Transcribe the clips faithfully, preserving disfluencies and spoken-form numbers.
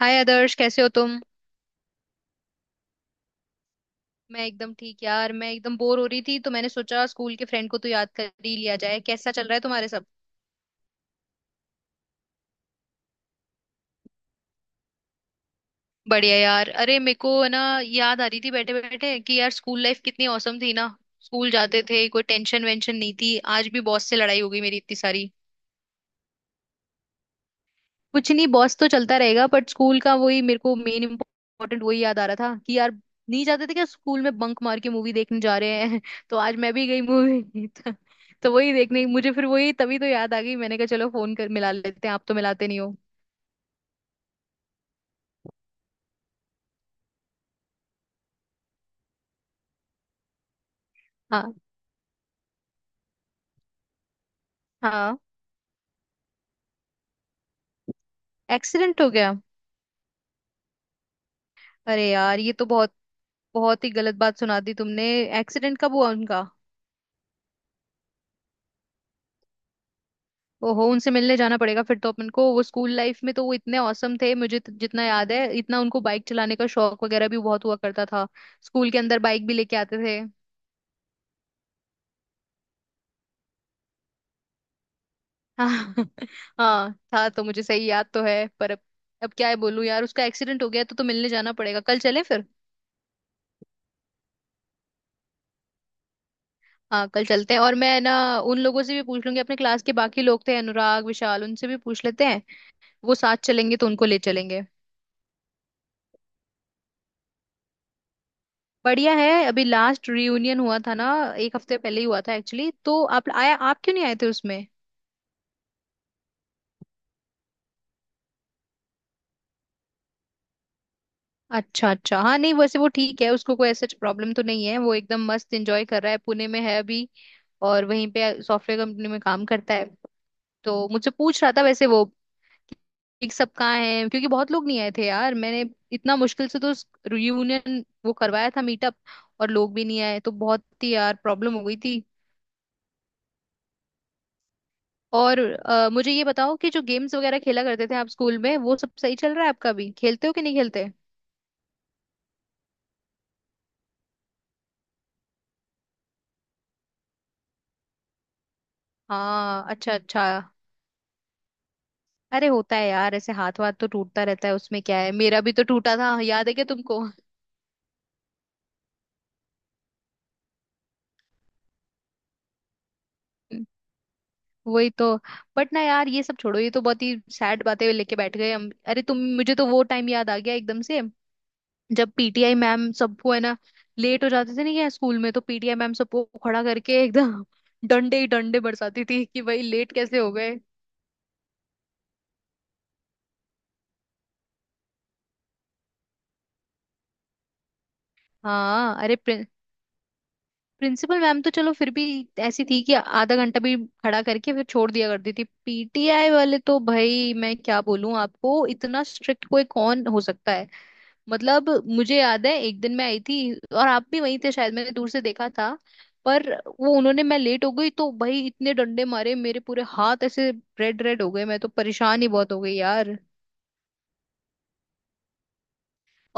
हाय आदर्श कैसे हो तुम। मैं एकदम ठीक यार। मैं एकदम बोर हो रही थी तो मैंने सोचा स्कूल के फ्रेंड को तो याद कर ही लिया जाए। कैसा चल रहा है तुम्हारे सब। बढ़िया यार। अरे मेरे को है ना याद आ रही थी बैठे बैठे कि यार स्कूल लाइफ कितनी औसम थी ना। स्कूल जाते थे कोई टेंशन वेंशन नहीं थी। आज भी बॉस से लड़ाई हो गई मेरी इतनी सारी। कुछ नहीं, बॉस तो चलता रहेगा, बट स्कूल का वही मेरे को मेन इम्पोर्टेंट वही याद आ रहा था कि यार नहीं जाते थे क्या स्कूल में बंक मार के मूवी देखने जा रहे हैं। तो आज मैं भी गई मूवी। तो, तो वही देखने मुझे फिर वही तभी तो याद आ गई। मैंने कहा चलो फोन कर मिला लेते हैं, आप तो मिलाते नहीं हो। हाँ। हाँ, एक्सीडेंट हो गया। अरे यार ये तो बहुत बहुत ही गलत बात सुना दी तुमने। एक्सीडेंट कब हुआ उनका। ओहो, उनसे मिलने जाना पड़ेगा फिर तो अपन को। वो स्कूल लाइफ में तो वो इतने औसम थे मुझे तो जितना याद है, इतना उनको बाइक चलाने का शौक वगैरह भी बहुत हुआ करता था। स्कूल के अंदर बाइक भी लेके आते थे। हाँ। हाँ था, तो मुझे सही याद तो है पर अब अब क्या है बोलूं यार, उसका एक्सीडेंट हो गया तो तो मिलने जाना पड़ेगा। कल चलें फिर। हाँ कल चलते हैं। और मैं ना उन लोगों से भी पूछ लूंगी, अपने क्लास के बाकी लोग थे अनुराग विशाल, उनसे भी पूछ लेते हैं। वो साथ चलेंगे तो उनको ले चलेंगे। बढ़िया है। अभी लास्ट रियूनियन हुआ था ना, एक हफ्ते पहले ही हुआ था एक्चुअली, तो आप आया आप क्यों नहीं आए थे उसमें। अच्छा अच्छा। हाँ नहीं वैसे वो ठीक है, उसको कोई ऐसा प्रॉब्लम तो नहीं है। वो एकदम मस्त एंजॉय कर रहा है, पुणे में है अभी और वहीं पे सॉफ्टवेयर कंपनी में काम करता है। तो मुझसे पूछ रहा था वैसे वो कि सब कहाँ है, क्योंकि बहुत लोग नहीं आए थे यार। मैंने इतना मुश्किल से तो रियूनियन वो करवाया था, मीटअप, और लोग भी नहीं आए तो बहुत ही यार प्रॉब्लम हो गई थी। और अ, मुझे ये बताओ कि जो गेम्स वगैरह खेला करते थे आप स्कूल में वो सब सही चल रहा है आपका भी। खेलते हो कि नहीं खेलते। हाँ अच्छा अच्छा। अरे होता है यार, ऐसे हाथ वाथ तो टूटता रहता है, उसमें क्या है। मेरा भी तो टूटा था, याद है क्या तुमको। वही तो। बट ना यार ये सब छोड़ो, ये तो बहुत ही सैड बातें लेके बैठ गए हम। अरे तुम, मुझे तो वो टाइम याद आ गया एकदम से जब पीटीआई मैम सबको है ना लेट हो जाते थे ना क्या स्कूल में, तो पीटीआई मैम सबको खड़ा करके एकदम डंडे ही डंडे बरसाती थी कि भाई लेट कैसे हो गए। हाँ अरे, प्रिंसिपल मैम तो चलो फिर भी ऐसी थी कि आधा घंटा भी खड़ा करके फिर छोड़ दिया करती थी। पीटीआई वाले तो भाई मैं क्या बोलूं आपको, इतना स्ट्रिक्ट कोई कौन हो सकता है, मतलब। मुझे याद है एक दिन मैं आई थी और आप भी वहीं थे शायद, मैंने दूर से देखा था। पर वो उन्होंने, मैं लेट हो गई तो भाई इतने डंडे मारे मेरे, पूरे हाथ ऐसे रेड रेड हो गए। मैं तो परेशान ही बहुत हो गई यार।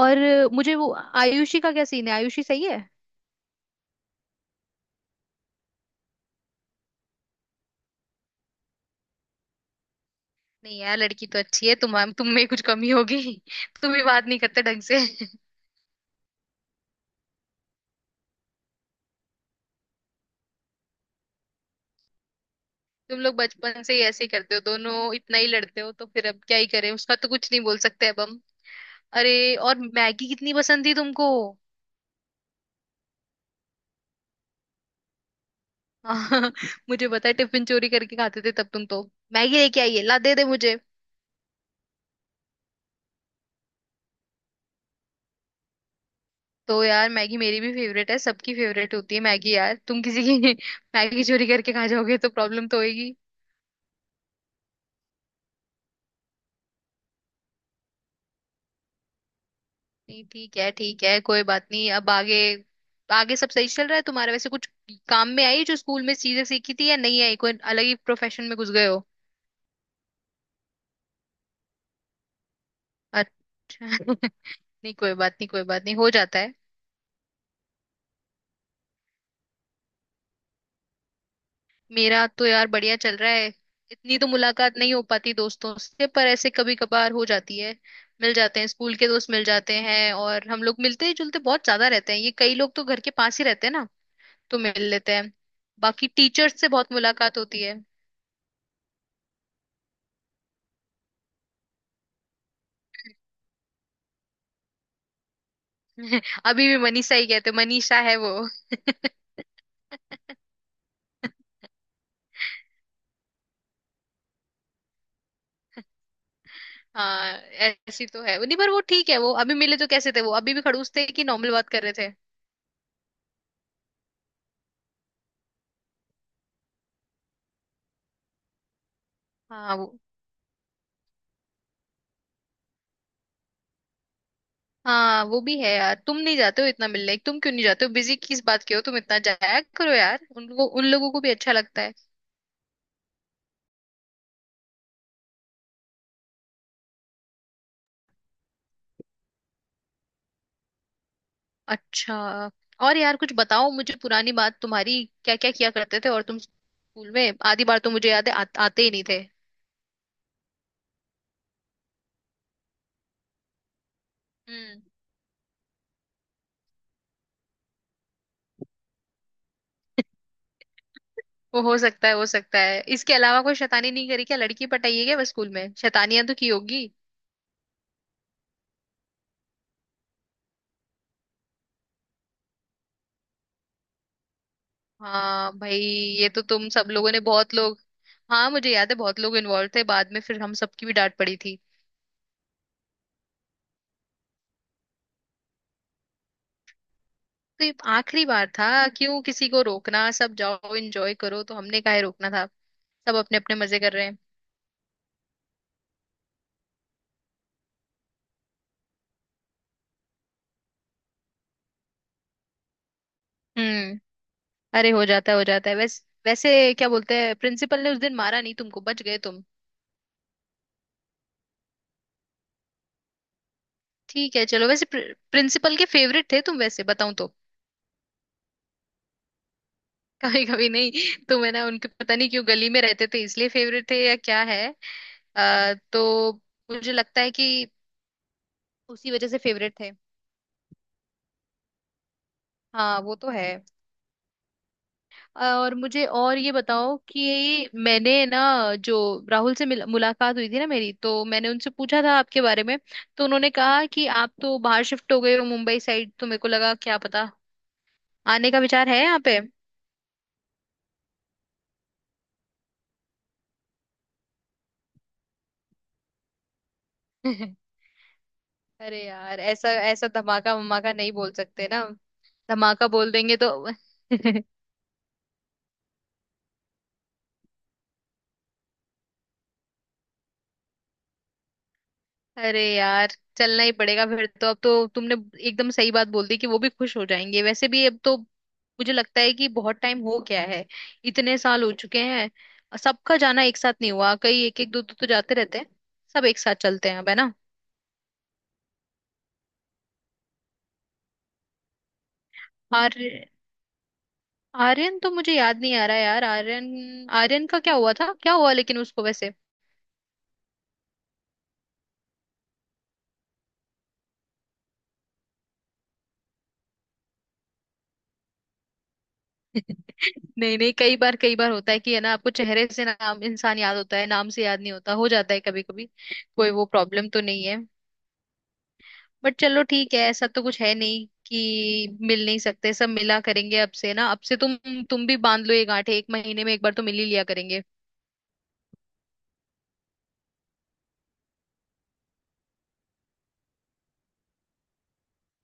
और मुझे वो आयुषी का क्या सीन है, आयुषी सही है। नहीं यार लड़की तो अच्छी है, तुम तुम में कुछ कमी होगी। तुम भी बात नहीं करते ढंग से। तुम लोग बचपन से ही ऐसे ही करते हो दोनों, इतना ही लड़ते हो तो फिर अब क्या ही करें, उसका तो कुछ नहीं बोल सकते अब हम। अरे और मैगी कितनी पसंद थी तुमको। मुझे पता है टिफिन चोरी करके खाते थे तब तुम तो। मैगी लेके आइए, ला दे दे मुझे। तो यार मैगी मेरी भी फेवरेट है, सबकी फेवरेट होती है मैगी यार, तुम किसी की मैगी चोरी करके खा जाओगे तो प्रॉब्लम तो होगी। नहीं ठीक है ठीक है कोई बात नहीं। अब आगे आगे सब सही चल रहा है तुम्हारा वैसे, कुछ काम में आई जो स्कूल में चीजें सीखी थी या नहीं आई, कोई अलग ही प्रोफेशन में घुस गए हो। अच्छा। नहीं कोई बात नहीं कोई बात नहीं, हो जाता है। मेरा तो यार बढ़िया चल रहा है। इतनी तो मुलाकात नहीं हो पाती दोस्तों से पर ऐसे कभी कभार हो जाती है। मिल जाते हैं, स्कूल के दोस्त मिल जाते हैं, और हम लोग मिलते जुलते बहुत ज्यादा रहते हैं। ये कई लोग तो घर के पास ही रहते हैं ना तो मिल लेते हैं। बाकी टीचर्स से बहुत मुलाकात होती है। अभी भी मनीषा ही कहते, मनीषा है वो। हाँ ऐसी तो है नहीं पर वो ठीक है। वो अभी मिले तो कैसे थे, वो अभी भी खड़ूस थे कि नॉर्मल बात कर रहे थे। हाँ वो, हाँ वो भी है यार। तुम नहीं जाते हो इतना मिलने, तुम क्यों नहीं जाते हो, बिजी किस बात के हो तुम, इतना जाया करो यार, उन लोगों उन लोगों को भी अच्छा लगता है। अच्छा। और यार कुछ बताओ मुझे पुरानी बात तुम्हारी, क्या क्या किया करते थे, और तुम स्कूल में आधी बार तो मुझे याद है आ, आते ही नहीं थे। हम्म। वो हो सकता है हो सकता है। इसके अलावा कोई शैतानी नहीं करी क्या, लड़की पटाई है क्या बस, स्कूल में शैतानियां तो की होगी। हाँ भाई ये तो तुम सब लोगों ने, बहुत लोग। हाँ मुझे याद है बहुत लोग इन्वॉल्व थे, बाद में फिर हम सबकी भी डांट पड़ी थी। तो ये आखिरी बार था, क्यों किसी को रोकना, सब जाओ एंजॉय करो, तो हमने काहे रोकना था। सब अपने अपने मजे कर रहे हैं। हम्म। अरे हो जाता है हो जाता है वैसे वैसे, क्या बोलते हैं, प्रिंसिपल ने उस दिन मारा नहीं तुमको, बच गए तुम। ठीक है चलो, वैसे प्रिंसिपल के फेवरेट थे तुम वैसे बताऊं तो। कभी कभी नहीं। तो मैं ना उनके पता नहीं क्यों, गली में रहते थे इसलिए फेवरेट थे या क्या है, आ, तो मुझे लगता है कि उसी वजह से फेवरेट थे। हाँ वो तो है। और मुझे और ये बताओ कि मैंने ना जो राहुल से मिल, मुलाकात हुई थी ना मेरी, तो मैंने उनसे पूछा था आपके बारे में। तो उन्होंने कहा कि आप तो बाहर शिफ्ट हो गए हो मुंबई साइड, तो मेरे को लगा क्या पता आने का विचार है यहाँ पे। अरे यार ऐसा ऐसा धमाका वमाका नहीं बोल सकते ना, धमाका बोल देंगे तो। अरे यार चलना ही पड़ेगा फिर तो। अब तो तुमने एकदम सही बात बोल दी कि वो भी खुश हो जाएंगे, वैसे भी अब तो मुझे लगता है कि बहुत टाइम हो गया है, इतने साल हो चुके हैं। सबका जाना एक साथ नहीं हुआ, कई एक एक दो दो तो जाते रहते हैं, सब एक साथ चलते हैं अब है ना। आर्य, आर्यन तो मुझे याद नहीं आ रहा यार, आर्यन, आर्यन का क्या हुआ था, क्या हुआ लेकिन उसको वैसे। नहीं नहीं कई बार कई बार होता है कि है ना, आपको चेहरे से नाम, इंसान याद होता है, नाम से याद नहीं होता, हो जाता है कभी कभी, कोई वो प्रॉब्लम तो नहीं है। बट चलो ठीक है, ऐसा तो कुछ है नहीं कि मिल नहीं सकते। सब मिला करेंगे अब से ना, अब से तुम तुम भी बांध लो ये गांठें, एक महीने में एक बार तो मिल ही लिया करेंगे।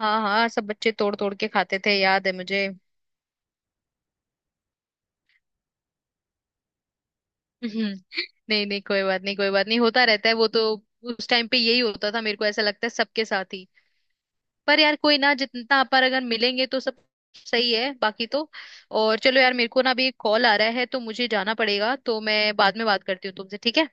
हाँ हाँ सब बच्चे तोड़ तोड़ के खाते थे, याद है मुझे। हम्म, नहीं नहीं कोई बात नहीं कोई बात नहीं, होता रहता है वो तो, उस टाइम पे यही होता था, मेरे को ऐसा लगता है सबके साथ ही। पर यार कोई ना, जितना अपन अगर मिलेंगे तो सब सही है, बाकी तो। और चलो यार मेरे को ना अभी एक कॉल आ रहा है तो मुझे जाना पड़ेगा, तो मैं बाद में बात करती हूँ तुमसे, ठीक है।